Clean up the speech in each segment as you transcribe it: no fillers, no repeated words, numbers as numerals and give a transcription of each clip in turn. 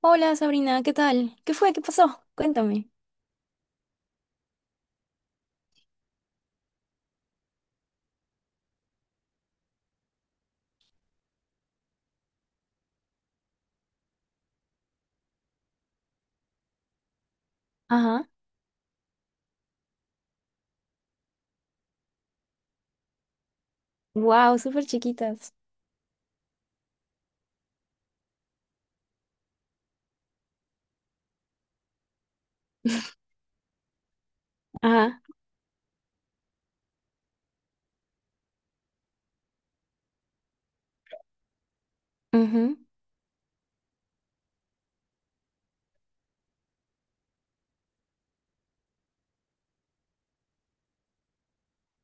Hola Sabrina, ¿qué tal? ¿Qué fue? ¿Qué pasó? Cuéntame. Ajá. Wow, súper chiquitas. Ajá. Ujú,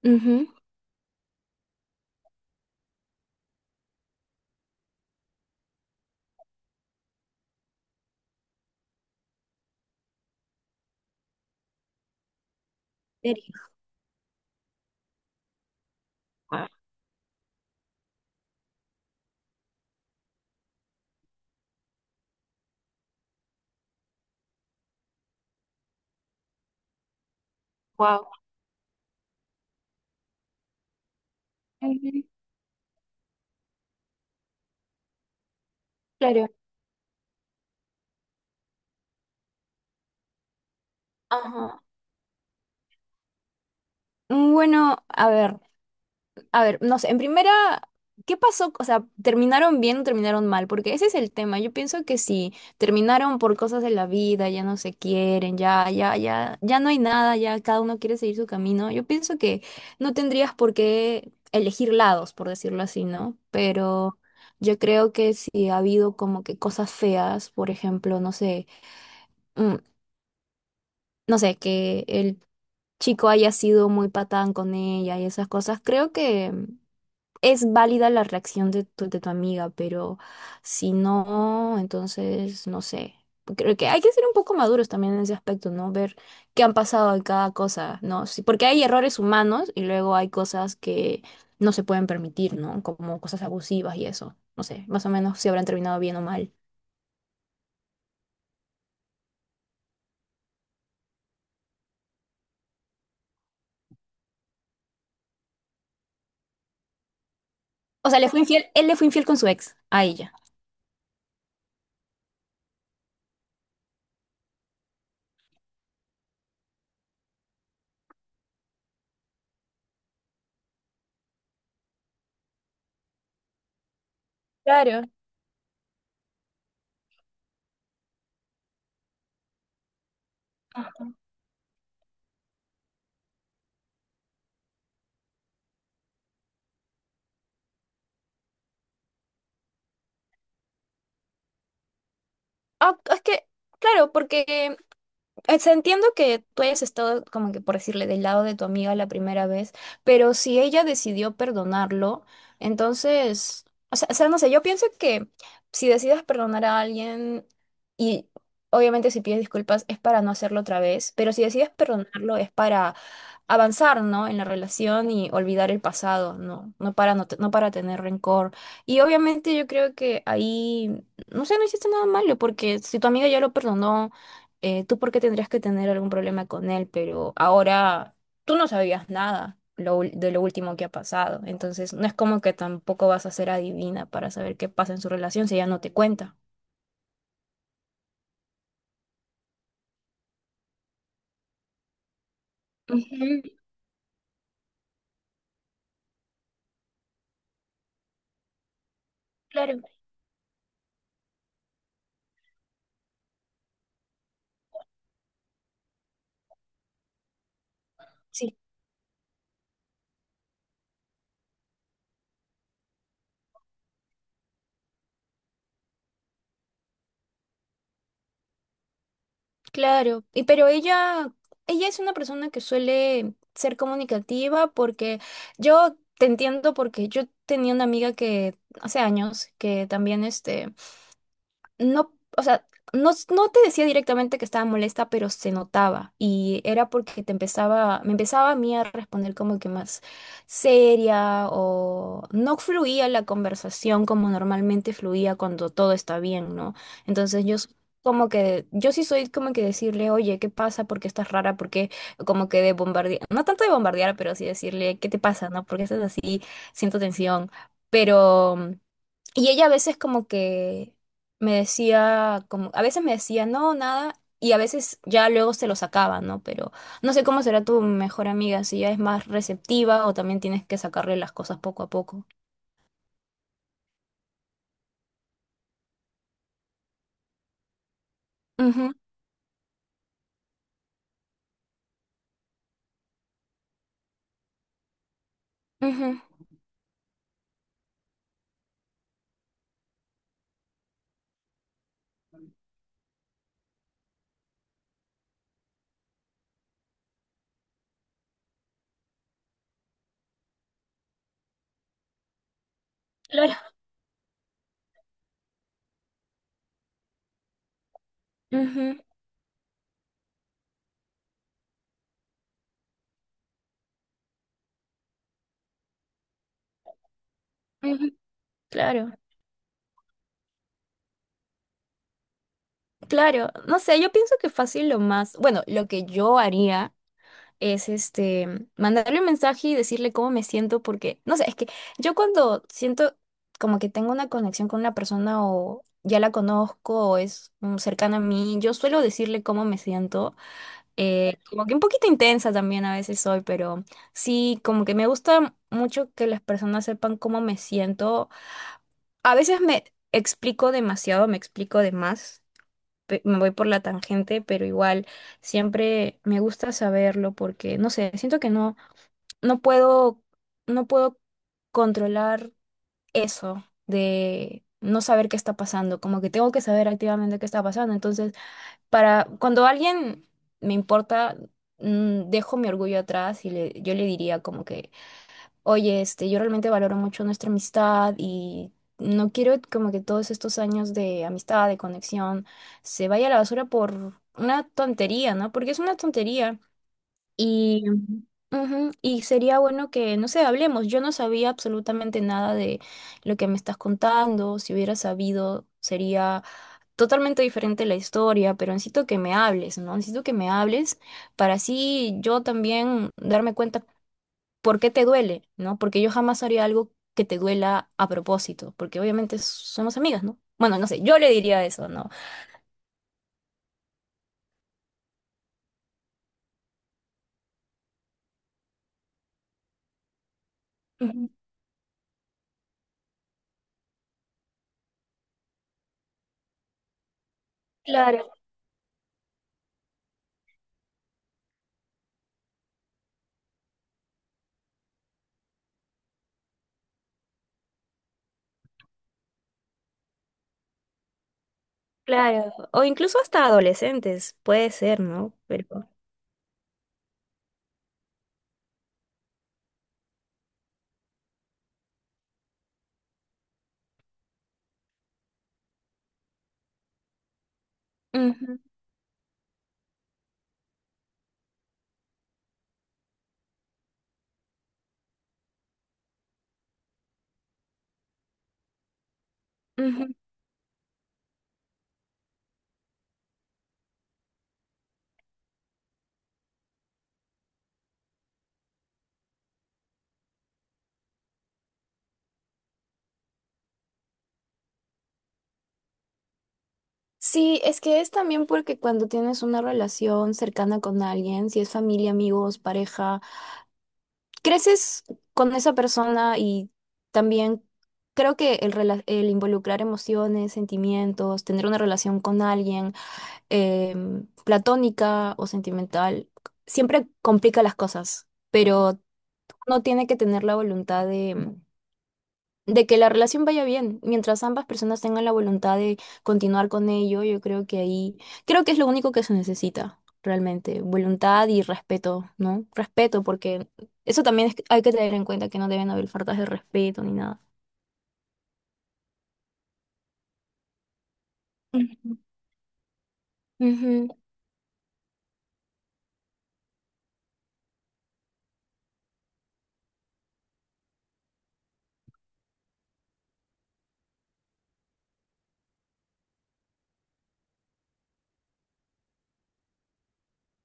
ujú. Serio. Wow, Ujú. Claro. Ajá. Bueno, a ver. A ver, no sé, en primera, ¿qué pasó? O sea, ¿terminaron bien o terminaron mal? Porque ese es el tema. Yo pienso que si terminaron por cosas de la vida, ya no se quieren, ya, ya, ya, ya no hay nada, ya cada uno quiere seguir su camino. Yo pienso que no tendrías por qué elegir lados, por decirlo así, ¿no? Pero yo creo que si ha habido como que cosas feas, por ejemplo, no sé, mm, no sé, que el chico haya sido muy patán con ella y esas cosas, creo que es válida la reacción de tu amiga, pero si no, entonces no sé. Creo que hay que ser un poco maduros también en ese aspecto, ¿no? Ver qué han pasado en cada cosa, ¿no? Sí, porque hay errores humanos y luego hay cosas que no se pueden permitir, ¿no? Como cosas abusivas y eso. No sé, más o menos si habrán terminado bien o mal. O sea, le fue infiel, él le fue infiel con su ex, a ella. Claro. Ah, es que, claro, porque Entiendo que tú hayas estado, como que por decirle, del lado de tu amiga la primera vez, pero si ella decidió perdonarlo, entonces, o sea, no sé, yo pienso que si decides perdonar a alguien y obviamente si pides disculpas es para no hacerlo otra vez, pero si decides perdonarlo es para avanzar, ¿no? En la relación y olvidar el pasado, ¿no? No para, no, no para tener rencor. Y obviamente yo creo que ahí, no sé, no hiciste nada malo, porque si tu amiga ya lo perdonó, tú por qué tendrías que tener algún problema con él, pero ahora tú no sabías nada de lo último que ha pasado. Entonces, no es como que tampoco vas a ser adivina para saber qué pasa en su relación si ella no te cuenta. Ujú, claro, sí, claro. Y pero ella es una persona que suele ser comunicativa, porque yo te entiendo, porque yo tenía una amiga que hace años que también este no, o sea, no, no te decía directamente que estaba molesta, pero se notaba. Y era porque me empezaba a mí a responder como que más seria, o no fluía la conversación como normalmente fluía cuando todo está bien, ¿no? Entonces yo soy como que, yo sí soy como que decirle, oye, ¿qué pasa? ¿Por qué estás rara? ¿Por qué? Como que de bombardear, no tanto de bombardear, pero sí decirle, ¿qué te pasa? ¿No? ¿Por qué estás así? Siento tensión. Pero. Y ella a veces como que me decía, no, nada, y a veces ya luego se lo sacaba, ¿no? Pero no sé cómo será tu mejor amiga, si ella es más receptiva o también tienes que sacarle las cosas poco a poco. Ujú, ujú. Claro. Ujú, ujú. Claro, claro. No sé, yo pienso que fácil lo más, bueno, lo que yo haría, es este, mandarle un mensaje y decirle cómo me siento, porque, no sé, es que yo cuando siento como que tengo una conexión con una persona o ya la conozco o es cercana a mí, yo suelo decirle cómo me siento, como que un poquito intensa también a veces soy, pero sí, como que me gusta mucho que las personas sepan cómo me siento. A veces me explico demasiado, me explico de más. Me voy por la tangente, pero igual siempre me gusta saberlo porque, no sé, siento que no puedo, no puedo controlar eso de no saber qué está pasando, como que tengo que saber activamente qué está pasando. Entonces, para cuando alguien me importa, dejo mi orgullo atrás y le, yo le diría como que, oye, yo realmente valoro mucho nuestra amistad y no quiero como que todos estos años de amistad, de conexión, se vaya a la basura por una tontería, ¿no? Porque es una tontería. Y, ujú, y sería bueno que, no sé, hablemos. Yo no sabía absolutamente nada de lo que me estás contando. Si hubiera sabido, sería totalmente diferente la historia, pero necesito que me hables, ¿no? Necesito que me hables para así yo también darme cuenta por qué te duele, ¿no? Porque yo jamás haría algo que te duela a propósito, porque obviamente somos amigas, ¿no? Bueno, no sé, yo le diría eso, ¿no? Ujú. Claro, claro. O incluso hasta adolescentes, puede ser, ¿no? Pero. Ujú, ujú. Sí, es que es también porque cuando tienes una relación cercana con alguien, si es familia, amigos, pareja, creces con esa persona y también creo que el involucrar emociones, sentimientos, tener una relación con alguien platónica o sentimental, siempre complica las cosas, pero uno tiene que tener la voluntad de que la relación vaya bien, mientras ambas personas tengan la voluntad de continuar con ello, yo creo que ahí, creo que es lo único que se necesita realmente, voluntad y respeto, ¿no? Respeto, porque eso también hay que tener en cuenta que no deben haber faltas de respeto ni nada. Ujú. Ujú.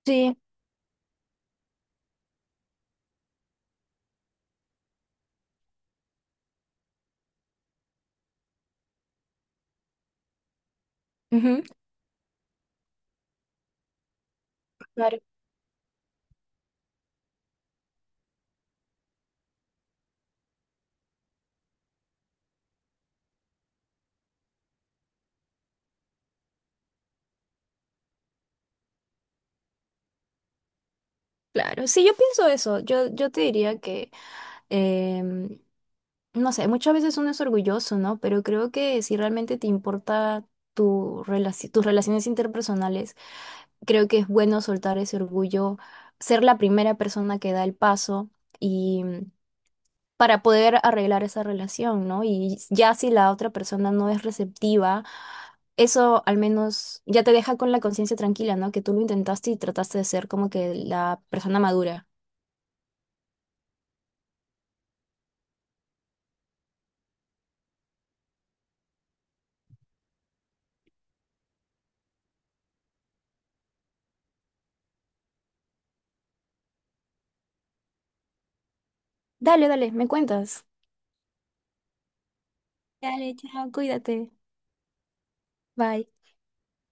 Sí, ujú. Claro. Claro. Sí, yo pienso eso. Yo te diría que em, no sé, muchas veces uno es orgulloso, ¿no? Pero creo que si realmente te importa tus relaciones interpersonales, creo que es bueno soltar ese orgullo, ser la primera persona que da el paso y para poder arreglar esa relación, ¿no? Y ya si la otra persona no es receptiva, eso al menos ya te deja con la conciencia tranquila, ¿no? Que tú lo intentaste y trataste de ser como que la persona madura. Dale, dale, me cuentas. Dale, chao, cuídate. Bye.